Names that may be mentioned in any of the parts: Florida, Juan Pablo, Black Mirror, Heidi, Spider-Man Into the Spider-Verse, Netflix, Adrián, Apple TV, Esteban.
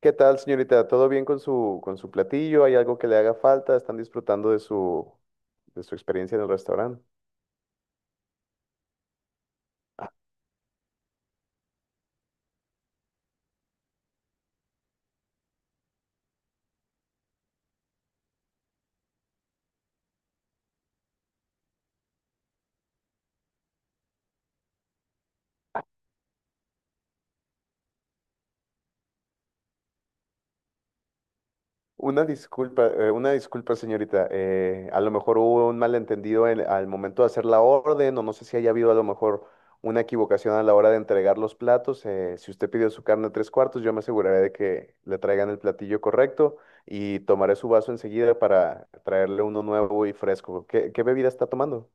¿Qué tal, señorita? ¿Todo bien con su platillo? ¿Hay algo que le haga falta? ¿Están disfrutando de su experiencia en el restaurante? Una disculpa, señorita. A lo mejor hubo un malentendido al momento de hacer la orden, o no sé si haya habido a lo mejor una equivocación a la hora de entregar los platos. Si usted pidió su carne tres cuartos, yo me aseguraré de que le traigan el platillo correcto y tomaré su vaso enseguida para traerle uno nuevo y fresco. ¿Qué bebida está tomando?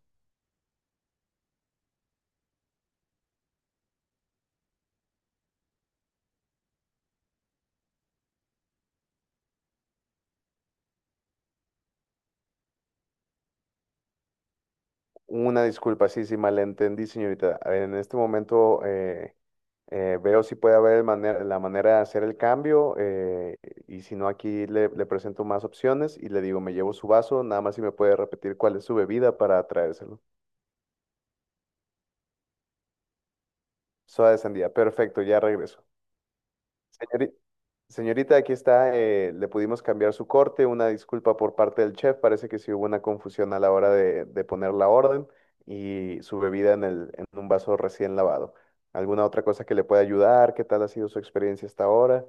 Una disculpa, sí, sí, malentendí, señorita. En este momento veo si puede haber la manera de hacer el cambio, y si no, aquí le presento más opciones y le digo, me llevo su vaso, nada más si me puede repetir cuál es su bebida para traérselo. Soda de sandía, perfecto, ya regreso. Señorita. Señorita, aquí está. Le pudimos cambiar su corte. Una disculpa por parte del chef. Parece que sí hubo una confusión a la hora de poner la orden y su bebida en un vaso recién lavado. ¿Alguna otra cosa que le pueda ayudar? ¿Qué tal ha sido su experiencia hasta ahora?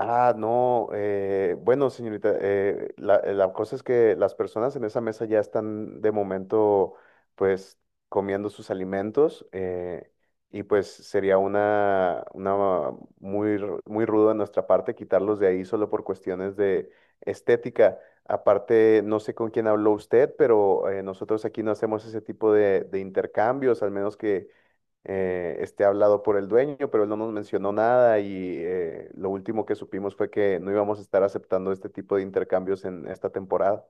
Ah, no, bueno, señorita, la cosa es que las personas en esa mesa ya están de momento, pues, comiendo sus alimentos, y pues sería una muy rudo de nuestra parte quitarlos de ahí solo por cuestiones de estética. Aparte, no sé con quién habló usted, pero nosotros aquí no hacemos ese tipo de intercambios, al menos que esté hablado por el dueño, pero él no nos mencionó nada y lo último que supimos fue que no íbamos a estar aceptando este tipo de intercambios en esta temporada.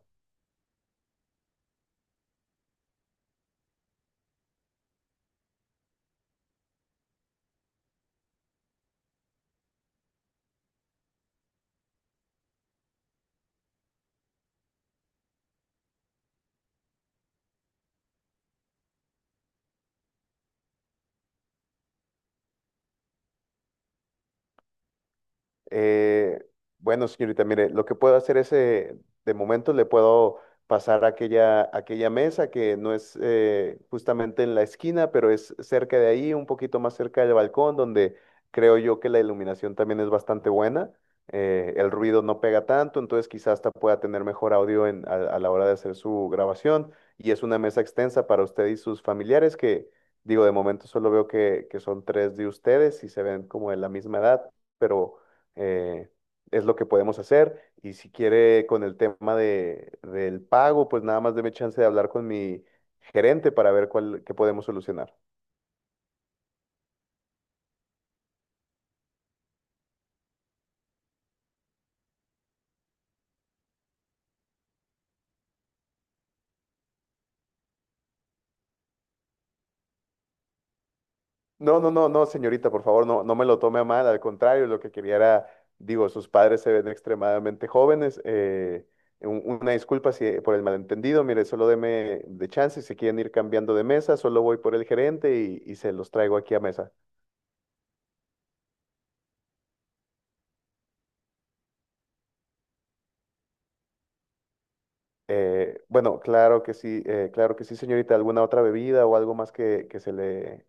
Eh, bueno, señorita, mire, lo que puedo hacer es, de momento le puedo pasar aquella mesa que no es, justamente en la esquina, pero es cerca de ahí, un poquito más cerca del balcón, donde creo yo que la iluminación también es bastante buena. El ruido no pega tanto, entonces quizás hasta pueda tener mejor audio a la hora de hacer su grabación. Y es una mesa extensa para usted y sus familiares que, digo, de momento solo veo que son tres de ustedes y se ven como de la misma edad, pero eh, es lo que podemos hacer. Y si quiere con el tema del pago, pues nada más deme chance de hablar con mi gerente para ver cuál, qué podemos solucionar. No, no, no, no, señorita, por favor, no, no me lo tome a mal. Al contrario, lo que quería era, digo, sus padres se ven extremadamente jóvenes. Una disculpa si, por el malentendido. Mire, solo deme de chance. Si quieren ir cambiando de mesa, solo voy por el gerente y se los traigo aquí a mesa. Bueno, claro que sí, señorita. ¿Alguna otra bebida o algo más que se le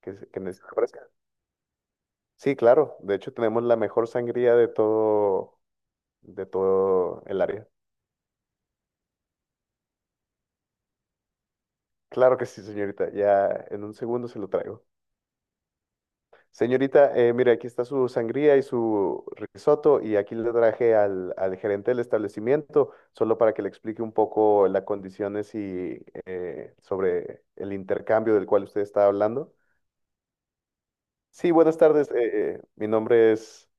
que, se- que les ofrezca? Sí, claro. De hecho, tenemos la mejor sangría de todo el área. Claro que sí, señorita. Ya en un segundo se lo traigo. Señorita, mire, aquí está su sangría y su risotto y aquí le traje al gerente del establecimiento solo para que le explique un poco las condiciones y sobre el intercambio del cual usted está hablando. Sí, buenas tardes. Mi nombre es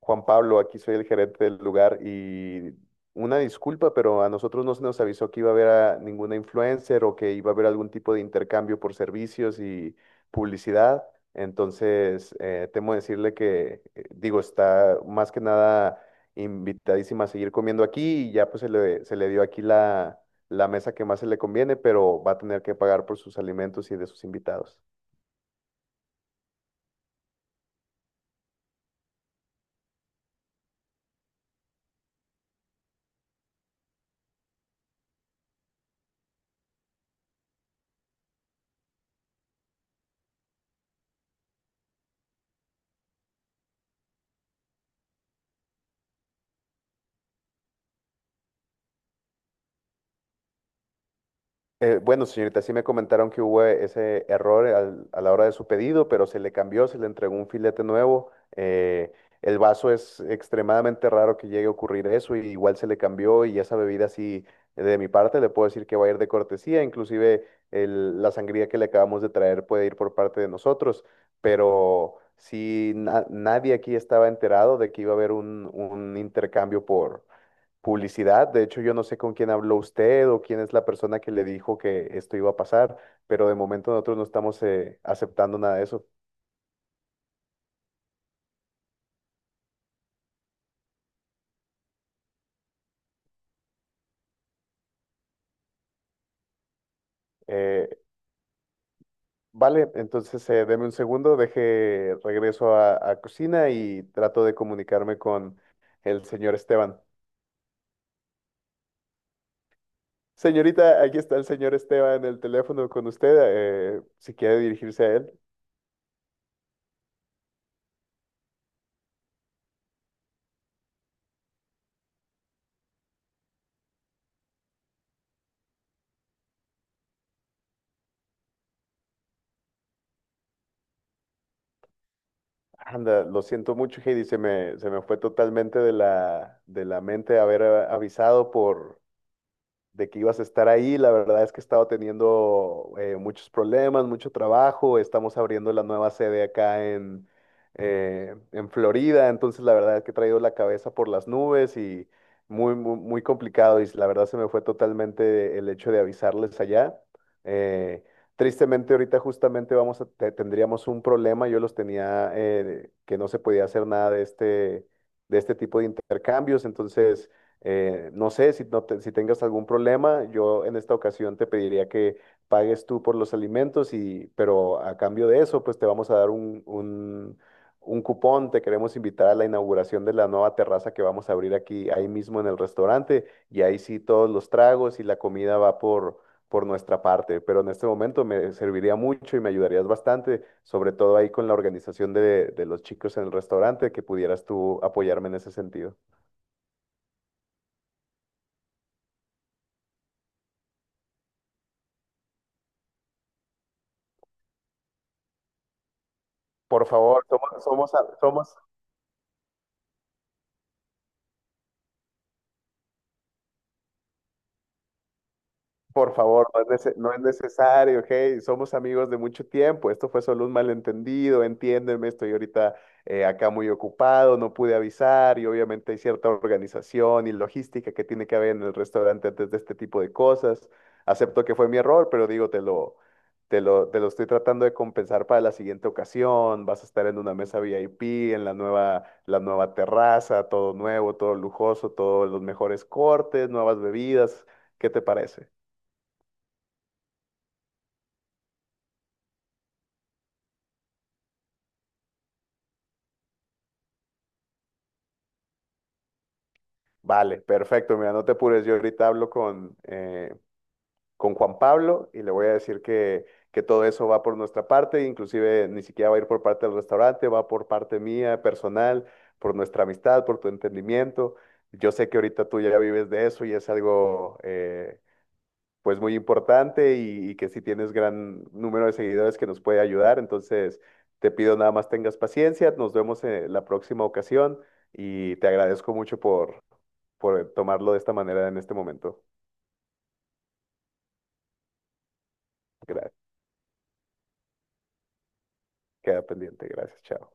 Juan Pablo, aquí soy el gerente del lugar y una disculpa, pero a nosotros no se nos avisó que iba a haber a ninguna influencer o que iba a haber algún tipo de intercambio por servicios y publicidad. Entonces, temo decirle que, digo, está más que nada invitadísima a seguir comiendo aquí y ya pues se se le dio aquí la mesa que más se le conviene, pero va a tener que pagar por sus alimentos y de sus invitados. Bueno, señorita, sí me comentaron que hubo ese error a la hora de su pedido, pero se le cambió, se le entregó un filete nuevo. eh, el vaso es extremadamente raro que llegue a ocurrir eso, y igual se le cambió y esa bebida sí, de mi parte, le puedo decir que va a ir de cortesía, inclusive la sangría que le acabamos de traer puede ir por parte de nosotros, pero si nadie aquí estaba enterado de que iba a haber un intercambio publicidad. De hecho, yo no sé con quién habló usted o quién es la persona que le dijo que esto iba a pasar, pero de momento nosotros no estamos aceptando nada de eso. Eh, vale, entonces deme un segundo, deje, regreso a cocina y trato de comunicarme con el señor Esteban. Señorita, aquí está el señor Esteban en el teléfono con usted. Si quiere dirigirse a él. Anda, lo siento mucho, Heidi. Se me fue totalmente de de la mente haber avisado de que ibas a estar ahí. La verdad es que he estado teniendo, muchos problemas, mucho trabajo. Estamos abriendo la nueva sede en Florida. Entonces, la verdad es que he traído la cabeza por las nubes y muy, muy, muy complicado. Y la verdad se me fue totalmente el hecho de avisarles allá. Eh, Tristemente, ahorita justamente tendríamos un problema. Yo los tenía, que no se podía hacer nada de este tipo de intercambios. Entonces, no sé si tengas algún problema, yo en esta ocasión te pediría que pagues tú por los alimentos, y, pero a cambio de eso, pues te vamos a dar un cupón, te queremos invitar a la inauguración de la nueva terraza que vamos a abrir aquí, ahí mismo en el restaurante, y ahí sí todos los tragos y la comida va por nuestra parte, pero en este momento me serviría mucho y me ayudarías bastante, sobre todo ahí con la organización de los chicos en el restaurante, que pudieras tú apoyarme en ese sentido. Por favor, somos, por favor, no es necesario, hey, somos amigos de mucho tiempo, esto fue solo un malentendido, entiéndeme, estoy ahorita acá muy ocupado, no pude avisar y obviamente hay cierta organización y logística que tiene que haber en el restaurante antes de este tipo de cosas. Acepto que fue mi error, pero digo, te lo estoy tratando de compensar para la siguiente ocasión, vas a estar en una mesa VIP, en la nueva terraza, todo nuevo, todo lujoso, todos los mejores cortes, nuevas bebidas, ¿qué te parece? Vale, perfecto. Mira, no te apures. Yo ahorita hablo con Juan Pablo y le voy a decir que todo eso va por nuestra parte. Inclusive ni siquiera va a ir por parte del restaurante, va por parte mía, personal, por nuestra amistad, por tu entendimiento. Yo sé que ahorita tú ya vives de eso y es algo, pues muy importante y que si tienes gran número de seguidores que nos puede ayudar. Entonces, te pido nada más tengas paciencia, nos vemos en la próxima ocasión y te agradezco mucho por tomarlo de esta manera en este momento. Gracias. Queda pendiente, gracias, chao.